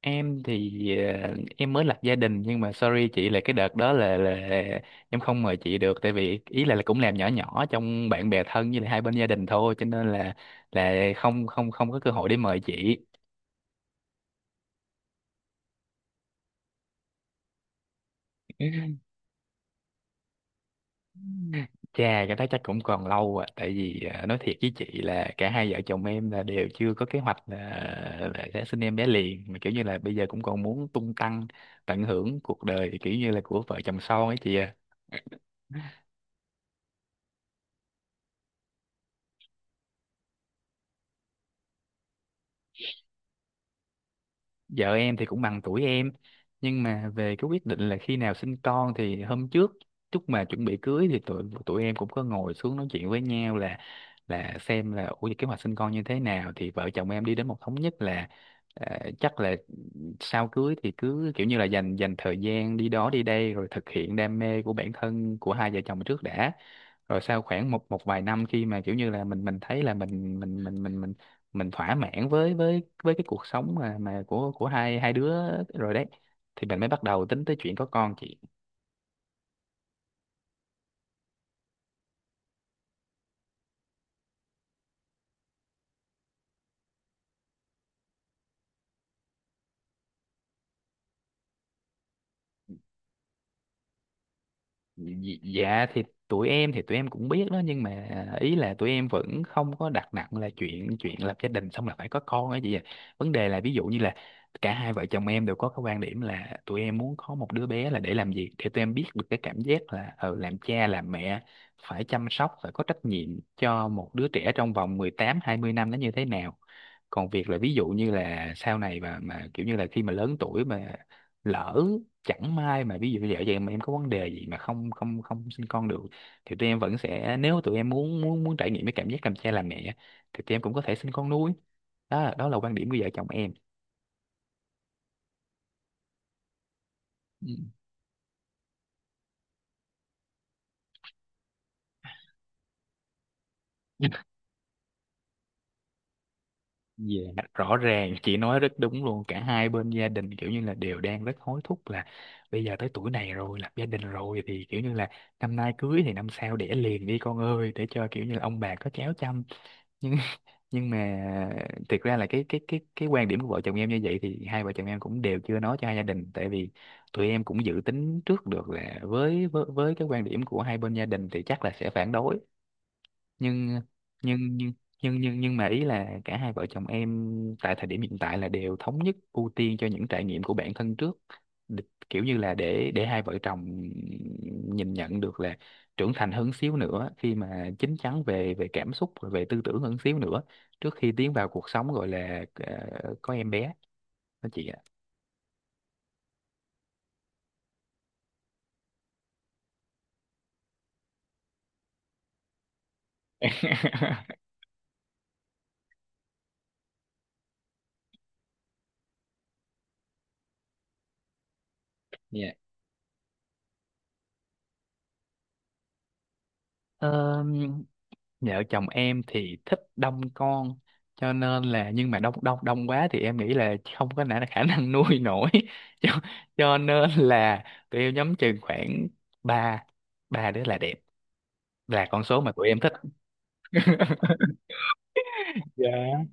em thì em mới lập gia đình, nhưng mà sorry chị, là cái đợt đó là em không mời chị được, tại vì ý là cũng làm nhỏ nhỏ trong bạn bè thân với lại hai bên gia đình thôi, cho nên là không không không có cơ hội để mời chị. Chà, cái đó chắc cũng còn lâu à, tại vì nói thiệt với chị là cả hai vợ chồng em là đều chưa có kế hoạch là sẽ sinh em bé liền, mà kiểu như là bây giờ cũng còn muốn tung tăng tận hưởng cuộc đời, kiểu như là của vợ chồng son ấy chị à. Vợ em thì cũng bằng tuổi em, nhưng mà về cái quyết định là khi nào sinh con thì hôm trước lúc mà chuẩn bị cưới thì tụi tụi em cũng có ngồi xuống nói chuyện với nhau là xem là ủa kế hoạch sinh con như thế nào, thì vợ chồng em đi đến một thống nhất là chắc là sau cưới thì cứ kiểu như là dành dành thời gian đi đó đi đây, rồi thực hiện đam mê của bản thân của hai vợ chồng trước đã. Rồi sau khoảng một một vài năm, khi mà kiểu như là mình thấy là mình thỏa mãn với cái cuộc sống mà của hai hai đứa rồi đấy, thì mình mới bắt đầu tính tới chuyện có con, chị. Dạ, dạ, thì tụi em cũng biết đó, nhưng mà ý là tụi em vẫn không có đặt nặng là chuyện chuyện lập gia đình xong là phải có con ấy chị ạ. Vấn đề là ví dụ như là cả hai vợ chồng em đều có cái quan điểm là tụi em muốn có một đứa bé là để làm gì, để tụi em biết được cái cảm giác là làm cha làm mẹ, phải chăm sóc, phải có trách nhiệm cho một đứa trẻ trong vòng 18 20 năm nó như thế nào. Còn việc là ví dụ như là sau này mà kiểu như là khi mà lớn tuổi mà lỡ chẳng may mà ví dụ vợ chồng em có vấn đề gì mà không không không sinh con được, thì tụi em vẫn sẽ, nếu tụi em muốn muốn muốn trải nghiệm cái cảm giác làm cha làm mẹ, thì tụi em cũng có thể sinh con nuôi. Đó đó là quan điểm của vợ chồng em. Ừ. Dạ, rõ ràng chị nói rất đúng luôn, cả hai bên gia đình kiểu như là đều đang rất hối thúc là bây giờ tới tuổi này rồi, lập gia đình rồi thì kiểu như là năm nay cưới thì năm sau đẻ liền đi con ơi, để cho kiểu như là ông bà có cháu chăm. Nhưng mà thiệt ra là cái quan điểm của vợ chồng em như vậy thì hai vợ chồng em cũng đều chưa nói cho hai gia đình, tại vì tụi em cũng dự tính trước được là với cái quan điểm của hai bên gia đình thì chắc là sẽ phản đối. Nhưng nhưng nhưng nhưng nhưng nhưng mà ý là cả hai vợ chồng em tại thời điểm hiện tại là đều thống nhất ưu tiên cho những trải nghiệm của bản thân trước. Đ- kiểu như là để hai vợ chồng nhìn nhận được là trưởng thành hơn xíu nữa, khi mà chín chắn về về cảm xúc rồi về tư tưởng hơn xíu nữa trước khi tiến vào cuộc sống gọi là có em bé, đó chị ạ. Dạ. Ờ, Vợ chồng em thì thích đông con, cho nên là nhưng mà đông đông đông quá thì em nghĩ là không có khả năng nuôi nổi cho, cho nên là tụi em nhắm chừng khoảng ba ba đứa là đẹp, là con số mà tụi em thích. Dạ.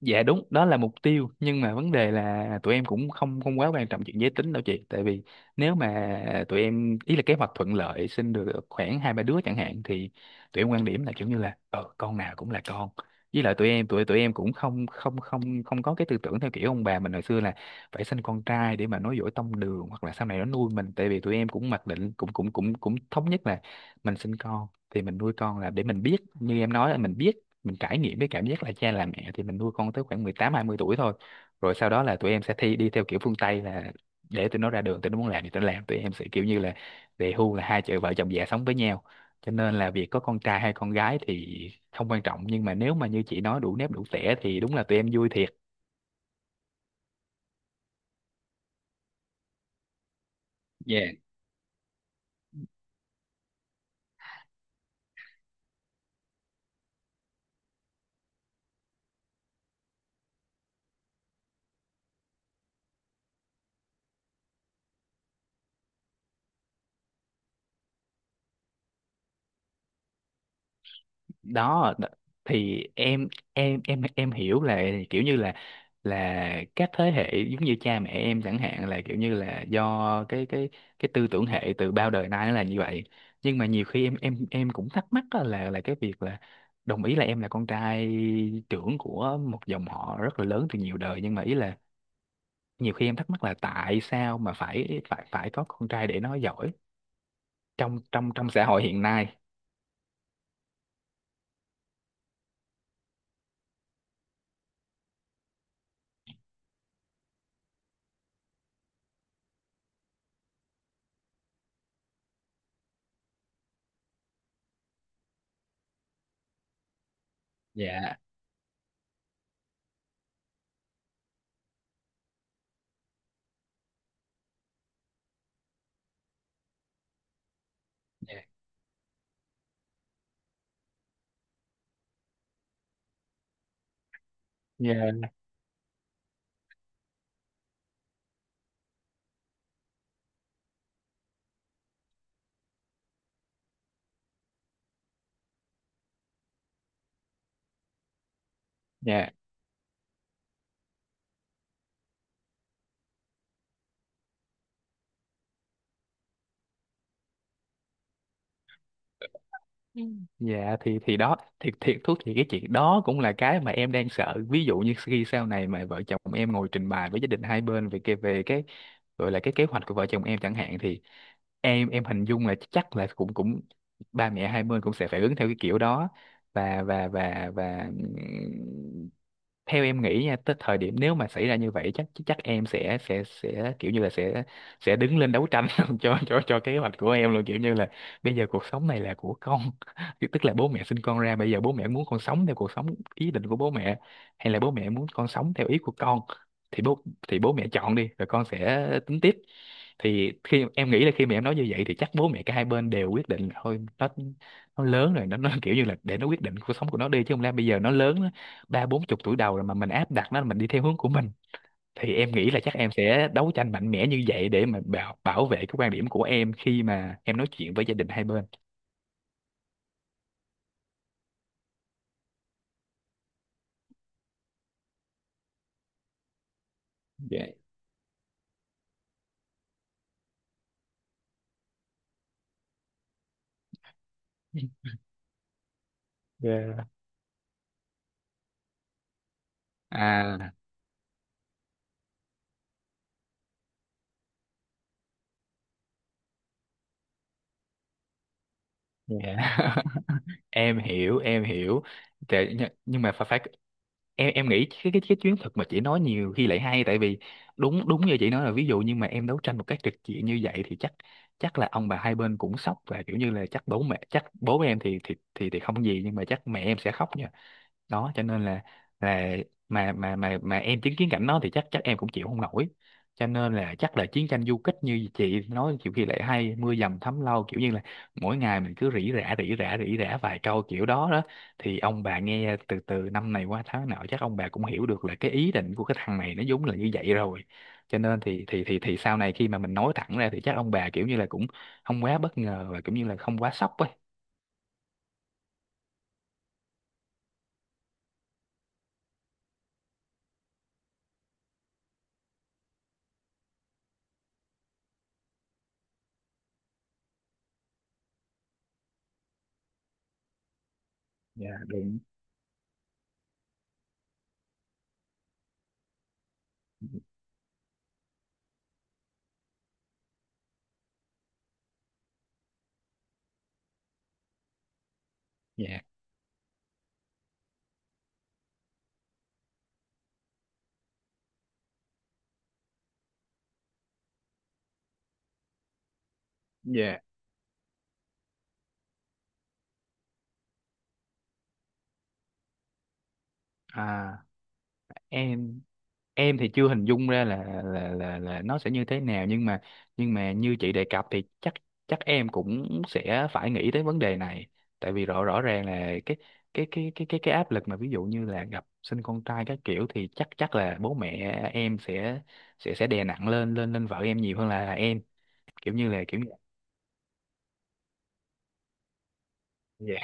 Dạ đúng, đó là mục tiêu, nhưng mà vấn đề là tụi em cũng không không quá quan trọng chuyện giới tính đâu chị, tại vì nếu mà tụi em ý là kế hoạch thuận lợi sinh được khoảng hai ba đứa chẳng hạn thì tụi em quan điểm là kiểu như là ờ con nào cũng là con. Với lại tụi em cũng không không không không có cái tư tưởng theo kiểu ông bà mình hồi xưa là phải sinh con trai để mà nối dõi tông đường hoặc là sau này nó nuôi mình, tại vì tụi em cũng mặc định cũng cũng cũng cũng thống nhất là mình sinh con thì mình nuôi con là để mình biết, như em nói là mình biết, mình trải nghiệm cái cảm giác là cha làm mẹ, thì mình nuôi con tới khoảng 18 20 tuổi thôi. Rồi sau đó là tụi em sẽ thi đi theo kiểu phương Tây là để tụi nó ra đường, tụi nó muốn làm thì tụi nó làm, tụi em sẽ kiểu như là về hưu, là hai vợ chồng già sống với nhau. Cho nên là việc có con trai hay con gái thì không quan trọng, nhưng mà nếu mà như chị nói đủ nếp đủ tẻ thì đúng là tụi em vui thiệt. đó đ- thì em hiểu là kiểu như là các thế hệ giống như cha mẹ em chẳng hạn là kiểu như là do cái tư tưởng hệ từ bao đời nay nó là như vậy, nhưng mà nhiều khi em cũng thắc mắc á là cái việc là đồng ý là em là con trai trưởng của một dòng họ rất là lớn từ nhiều đời, nhưng mà ý là nhiều khi em thắc mắc là tại sao mà phải phải phải có con trai để nó giỏi trong trong trong xã hội hiện nay. Dạ, dạ, dạ. Dạ. Ừ. Dạ, thì đó, thiệt thiệt thú thì cái chuyện đó cũng là cái mà em đang sợ, ví dụ như khi sau này mà vợ chồng em ngồi trình bày với gia đình hai bên về cái gọi là cái kế hoạch của vợ chồng em chẳng hạn thì em hình dung là chắc là cũng cũng ba mẹ hai bên cũng sẽ phải ứng theo cái kiểu đó, và theo em nghĩ nha, tới thời điểm nếu mà xảy ra như vậy chắc chắc em sẽ kiểu như là sẽ đứng lên đấu tranh cho kế hoạch của em luôn, kiểu như là bây giờ cuộc sống này là của con. Thì tức là bố mẹ sinh con ra, bây giờ bố mẹ muốn con sống theo cuộc sống ý định của bố mẹ hay là bố mẹ muốn con sống theo ý của con, thì bố mẹ chọn đi rồi con sẽ tính tiếp. Thì khi em nghĩ là khi mà em nói như vậy thì chắc bố mẹ cả hai bên đều quyết định thôi, nó lớn rồi, nó kiểu như là để nó quyết định cuộc sống của nó đi, chứ không lẽ bây giờ nó lớn ba bốn chục tuổi đầu rồi mà mình áp đặt nó, mình đi theo hướng của mình. Thì em nghĩ là chắc em sẽ đấu tranh mạnh mẽ như vậy để mà bảo bảo vệ cái quan điểm của em khi mà em nói chuyện với gia đình hai bên. Dạ. Yeah. À, dạ. Em hiểu, em hiểu. Nhưng mà phải phải em nghĩ cái chuyến thực mà chị nói nhiều khi lại hay, tại vì đúng đúng như chị nói là, ví dụ nhưng mà em đấu tranh một cách trực diện như vậy thì chắc chắc là ông bà hai bên cũng sốc và kiểu như là chắc bố em thì không gì, nhưng mà chắc mẹ em sẽ khóc, đó cho nên là là mà em chứng kiến cảnh đó thì chắc chắc em cũng chịu không nổi, cho nên là chắc là chiến tranh du kích như chị nói nhiều khi lại hay, mưa dầm thấm lâu, kiểu như là mỗi ngày mình cứ rỉ rả rỉ rả rỉ rả vài câu kiểu đó đó, thì ông bà nghe từ từ năm này qua tháng nọ chắc ông bà cũng hiểu được là cái ý định của cái thằng này nó vốn là như vậy rồi, cho nên thì sau này khi mà mình nói thẳng ra thì chắc ông bà kiểu như là cũng không quá bất ngờ và cũng như là không quá sốc ấy. Dạ đúng. Dạ, dạ. À. em em thì chưa hình dung ra là nó sẽ như thế nào, nhưng mà như chị đề cập thì chắc chắc em cũng sẽ phải nghĩ tới vấn đề này, tại vì rõ rõ ràng là cái áp lực mà ví dụ như là gặp sinh con trai các kiểu thì chắc chắc là bố mẹ em sẽ đè nặng lên lên lên vợ em nhiều hơn là em, kiểu như là kiểu như dạ,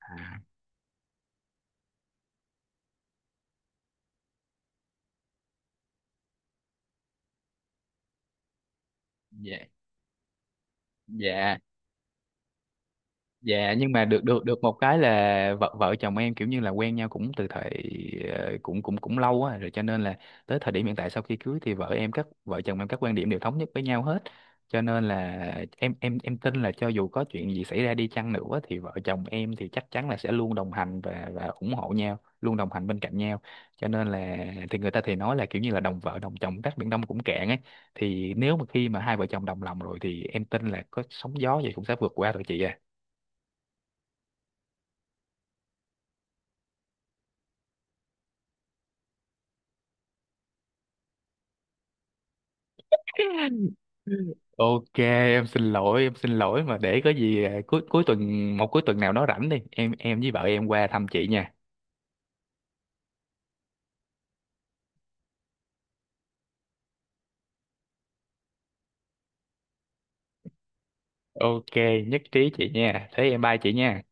à, dạ, dạ. Dạ, nhưng mà được được được một cái là vợ vợ chồng em kiểu như là quen nhau cũng từ thời cũng cũng cũng lâu á rồi, cho nên là tới thời điểm hiện tại sau khi cưới thì vợ em các vợ chồng em các quan điểm đều thống nhất với nhau hết, cho nên là em tin là cho dù có chuyện gì xảy ra đi chăng nữa thì vợ chồng em thì chắc chắn là sẽ luôn đồng hành và ủng hộ nhau, luôn đồng hành bên cạnh nhau. Cho nên là thì người ta thì nói là kiểu như là đồng vợ đồng chồng tát biển Đông cũng cạn ấy, thì nếu mà khi mà hai vợ chồng đồng lòng rồi thì em tin là có sóng gió gì cũng sẽ vượt qua rồi chị ạ. Ok, em xin lỗi, em xin lỗi, mà để có gì à, cuối cuối tuần một cuối tuần nào đó rảnh đi, em với vợ em qua thăm chị nha. Ok, nhất trí chị nha. Thế em bye chị nha.